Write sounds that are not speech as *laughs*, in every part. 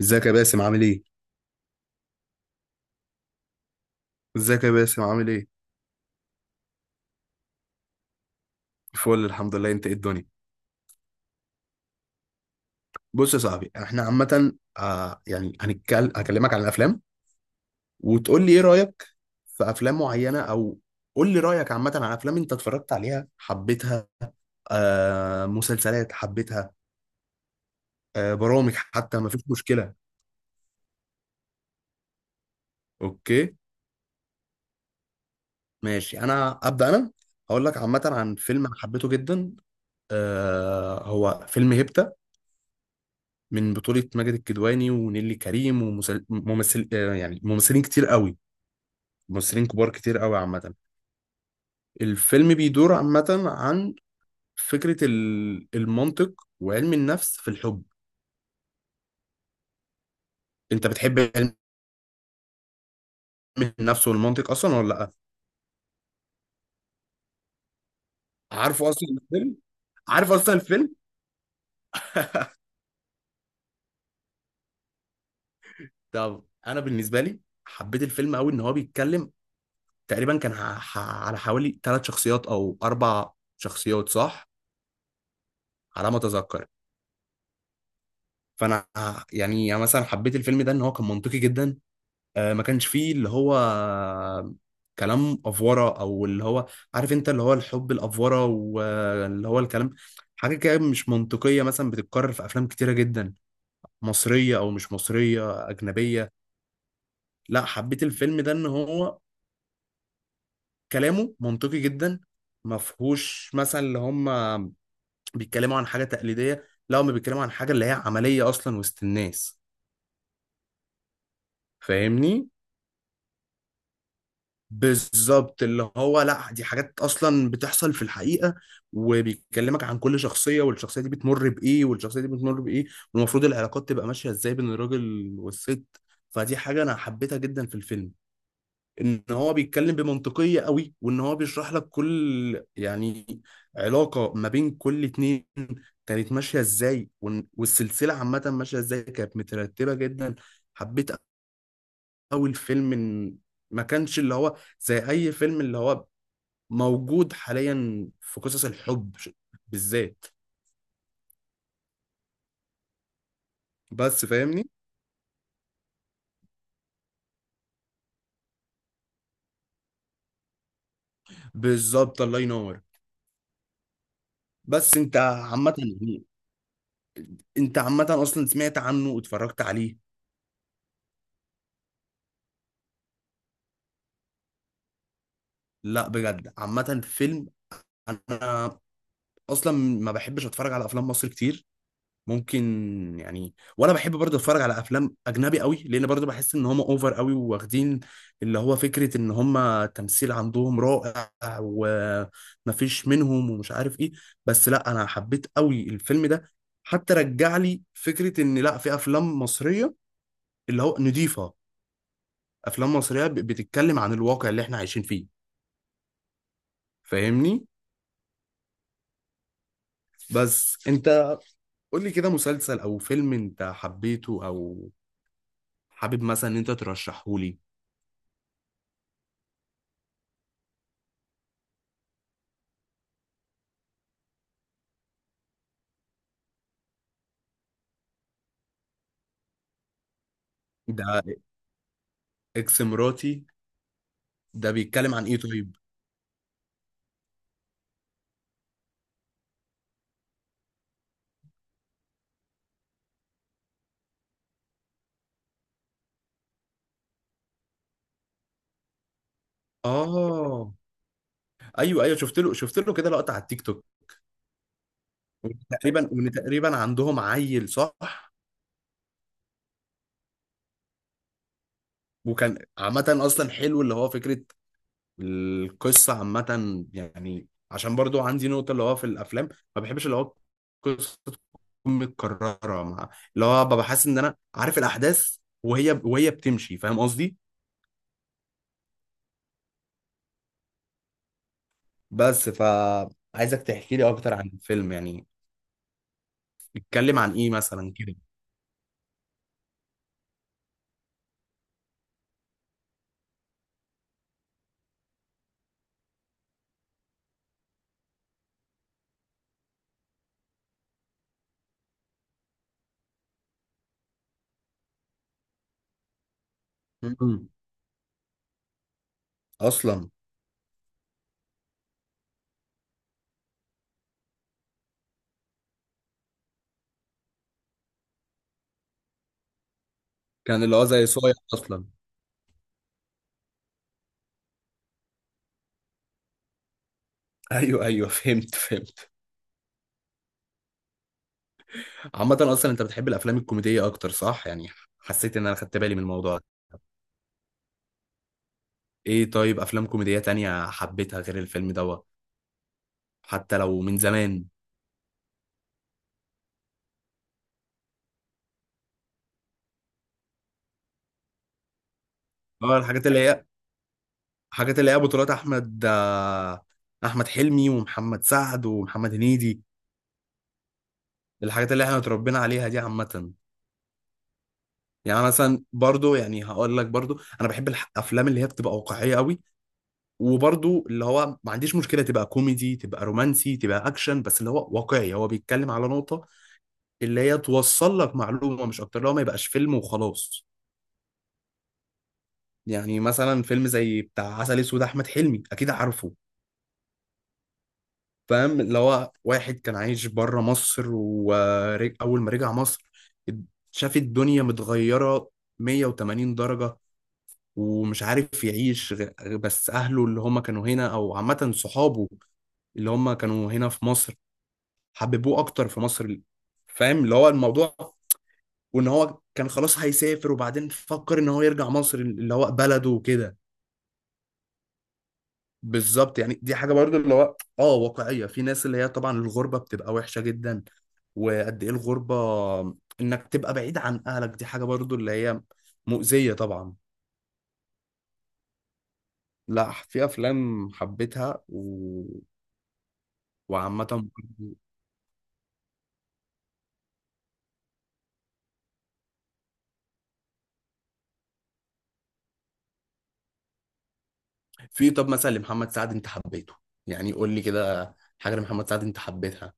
ازيك يا باسم عامل ايه؟ ازيك يا باسم عامل ايه؟ فل الحمد لله، انت ايه الدنيا؟ بص يا صاحبي، احنا عامة هنتكلم عن الافلام، وتقول لي ايه رأيك في افلام معينة، او قول لي رأيك عامة عن افلام انت اتفرجت عليها حبيتها، آه مسلسلات حبيتها، آه برامج، حتى ما فيش مشكلة. اوكي، ماشي. انا ابدأ. هقول لك عامة عن فيلم انا حبيته جدا. هو فيلم هيبتا، من بطولة ماجد الكدواني ونيلي كريم وممثل ممثلين كتير قوي، ممثلين كبار كتير قوي عامة. الفيلم بيدور عامة عن فكرة المنطق وعلم النفس في الحب. انت بتحب علم النفس والمنطق اصلا ولا لا؟ عارفه اصلا الفيلم؟ عارف اصلا الفيلم؟ *laughs* طب انا بالنسبة لي حبيت الفيلم قوي ان هو بيتكلم تقريبا، كان على حوالي ثلاث شخصيات او اربع شخصيات، صح؟ على ما اتذكر. فانا يعني مثلا حبيت الفيلم ده ان هو كان منطقي جدا. ما كانش فيه اللي هو كلام افوره، او اللي هو عارف انت اللي هو الحب الافوره واللي هو الكلام، حاجه كده مش منطقيه مثلا بتتكرر في افلام كتيره جدا، مصريه او مش مصريه اجنبيه. لا، حبيت الفيلم ده ان هو كلامه منطقي جدا، ما فيهوش مثلا اللي هم بيتكلموا عن حاجه تقليديه، لا، هم بيتكلموا عن حاجه اللي هي عمليه اصلا وسط الناس. فاهمني؟ بالظبط، اللي هو لا، دي حاجات اصلا بتحصل في الحقيقه، وبيكلمك عن كل شخصيه والشخصيه دي بتمر بايه والشخصيه دي بتمر بايه، والمفروض العلاقات تبقى ماشيه ازاي بين الراجل والست. فدي حاجه انا حبيتها جدا في الفيلم، ان هو بيتكلم بمنطقيه قوي وان هو بيشرح لك كل يعني علاقه ما بين كل اتنين كانت ماشيه ازاي. والسلسله عامه ماشيه ازاي، كانت مترتبه جدا. حبيت قوي الفيلم إن ما كانش اللي هو زي اي فيلم اللي هو موجود حاليا في قصص الحب بالذات. بس فاهمني؟ بالظبط، الله ينور. بس انت عامة يعني، انت عامة اصلا سمعت عنه واتفرجت عليه؟ لا بجد عامة فيلم، انا اصلا ما بحبش اتفرج على افلام مصر كتير، ممكن يعني. وانا بحب برضه اتفرج على افلام اجنبي قوي، لان برضه بحس ان هم اوفر قوي واخدين اللي هو فكره ان هم التمثيل عندهم رائع ومفيش منهم ومش عارف ايه. بس لا، انا حبيت قوي الفيلم ده، حتى رجع لي فكره ان لا، في افلام مصريه اللي هو نضيفه، افلام مصريه بتتكلم عن الواقع اللي احنا عايشين فيه. فاهمني؟ بس انت قول لي كده مسلسل او فيلم انت حبيته، او حابب مثلا ان انت ترشحه لي. ده اكس مراتي؟ ده بيتكلم عن ايه طيب؟ اه. ايوه ايوه، شفت له، شفت له كده لقطه على التيك توك. تقريبا، وان تقريبا عندهم عيل، صح؟ وكان عامه اصلا حلو اللي هو فكره القصه عامه، يعني عشان برضو عندي نقطه اللي هو في الافلام، ما بحبش اللي هو القصه تكون متكرره، مع اللي هو ببقى حاسس ان انا عارف الاحداث وهي بتمشي. فاهم قصدي؟ بس فعايزك تحكي لي اكتر عن الفيلم يعني. اتكلم عن ايه مثلا؟ كده اصلا كان اللي هو زي صايع اصلا. *laughs* ايوه ايوه، فهمت فهمت. عامه اصلا انت بتحب الافلام الكوميديه اكتر، صح يعني؟ حسيت ان انا خدت بالي من الموضوع ده. ايه طيب، افلام كوميديه تانية حبيتها غير الفيلم دوت، حتى لو من زمان؟ اه الحاجات اللي هي الحاجات اللي هي بطولات احمد حلمي ومحمد سعد ومحمد هنيدي، الحاجات اللي احنا اتربينا عليها دي عامه. يعني أنا مثلا برضو، يعني هقول لك برضو، انا بحب الافلام اللي هي بتبقى واقعيه قوي. وبرضو اللي هو ما عنديش مشكلة تبقى كوميدي، تبقى رومانسي، تبقى أكشن، بس اللي هو واقعي، هو بيتكلم على نقطة اللي هي توصل لك معلومة، مش أكتر اللي هو ما يبقاش فيلم وخلاص. يعني مثلا فيلم زي بتاع عسل أسود، أحمد حلمي، أكيد عارفه. فاهم اللي هو واحد كان عايش بره مصر، وأول ما رجع مصر شاف الدنيا متغيرة 180 درجة، ومش عارف يعيش بس أهله اللي هم كانوا هنا، أو عامة صحابه اللي هم كانوا هنا في مصر، حببوه اكتر في مصر. فاهم اللي هو الموضوع، وان هو كان خلاص هيسافر وبعدين فكر ان هو يرجع مصر اللي هو بلده وكده. بالظبط، يعني دي حاجه برضو اللي هو اه واقعيه في ناس، اللي هي طبعا الغربه بتبقى وحشه جدا. وقد ايه الغربه، انك تبقى بعيد عن اهلك، دي حاجه برضو اللي هي مؤذيه طبعا. لا، في افلام حبيتها وعامه برضو. في، طب مثلا لمحمد سعد انت حبيته؟ يعني قول لي كده حاجه لمحمد سعد انت حبيتها.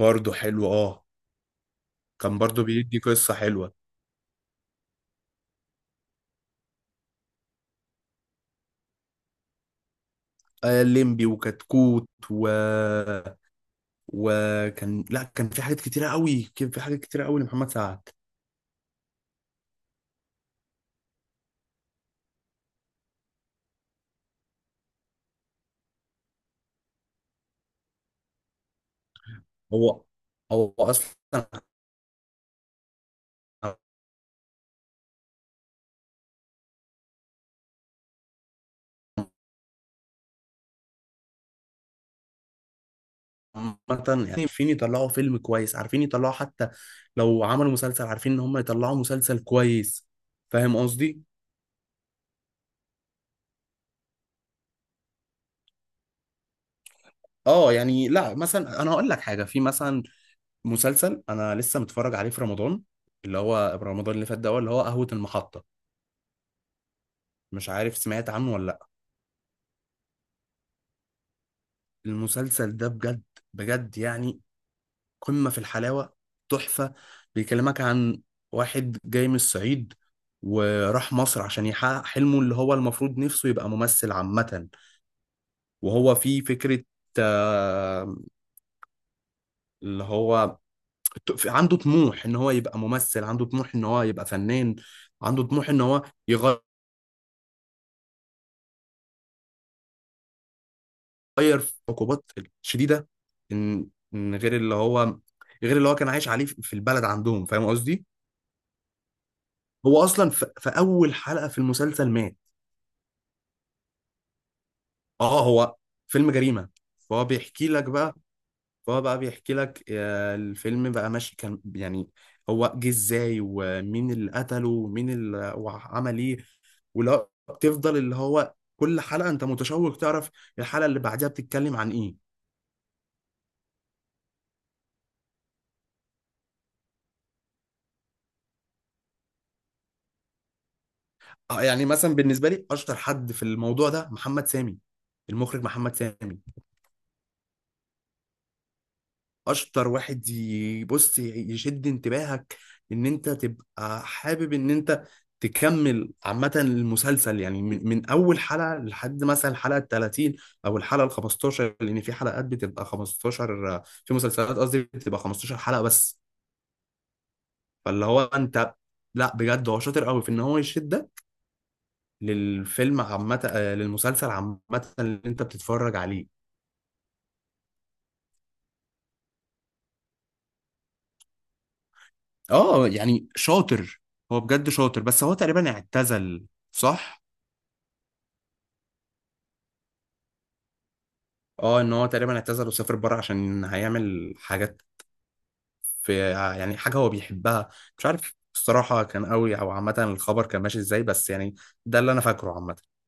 برضه حلو اه، كان برضو بيدي قصة حلوة. ليمبي وكتكوت. وكان، لا كان في حاجات كتيرة قوي، كان في حاجات كتيرة قوي لمحمد سعد. هو هو أصلا عامة يعني عارفين يطلعوا فيلم كويس، عارفين يطلعوا حتى لو عملوا مسلسل، عارفين إن هم يطلعوا مسلسل كويس. فاهم قصدي؟ اه يعني لا مثلا انا هقول لك حاجه، في مثلا مسلسل انا لسه متفرج عليه في رمضان، اللي هو رمضان اللي فات ده، هو اللي هو قهوه المحطه، مش عارف سمعت عنه ولا؟ المسلسل ده بجد، بجد يعني قمة في الحلاوة، تحفة. بيكلمك عن واحد جاي من الصعيد، وراح مصر عشان يحقق حلمه اللي هو المفروض نفسه يبقى ممثل عامة. وهو في فكرة، آه، اللي هو عنده طموح ان هو يبقى ممثل، عنده طموح ان هو يبقى فنان، عنده طموح ان هو يغير في عقوبات شديدة، ان غير اللي هو غير اللي هو كان عايش عليه في البلد عندهم. فاهم قصدي؟ هو اصلا في اول حلقه في المسلسل مات. اه، هو فيلم جريمه. فهو بيحكي لك بقى، فهو بقى بيحكي لك الفيلم بقى ماشي كان يعني هو جه ازاي، ومين اللي قتله، ومين اللي وعمل ايه، ولا بتفضل اللي هو كل حلقه انت متشوق تعرف الحلقه اللي بعدها بتتكلم عن ايه. يعني مثلا بالنسبه لي اشطر حد في الموضوع ده محمد سامي، المخرج محمد سامي. اشطر واحد يبص يشد انتباهك ان انت تبقى حابب ان انت تكمل عامة المسلسل، يعني من اول حلقة لحد مثلا الحلقة ال 30، او الحلقة ال 15، لان في حلقات بتبقى 15 في مسلسلات، قصدي بتبقى 15 حلقة بس. فاللي هو انت لا بجد هو شاطر قوي في ان هو يشدك للفيلم عامة، للمسلسل عامة اللي انت بتتفرج عليه. اه يعني شاطر، هو بجد شاطر. بس هو تقريبا اعتزل، صح؟ اه، ان هو تقريبا اعتزل وسافر بره عشان هيعمل حاجات في يعني حاجه هو بيحبها. مش عارف الصراحه كان قوي، او عامه الخبر كان ماشي ازاي، بس يعني ده اللي انا فاكره عامه.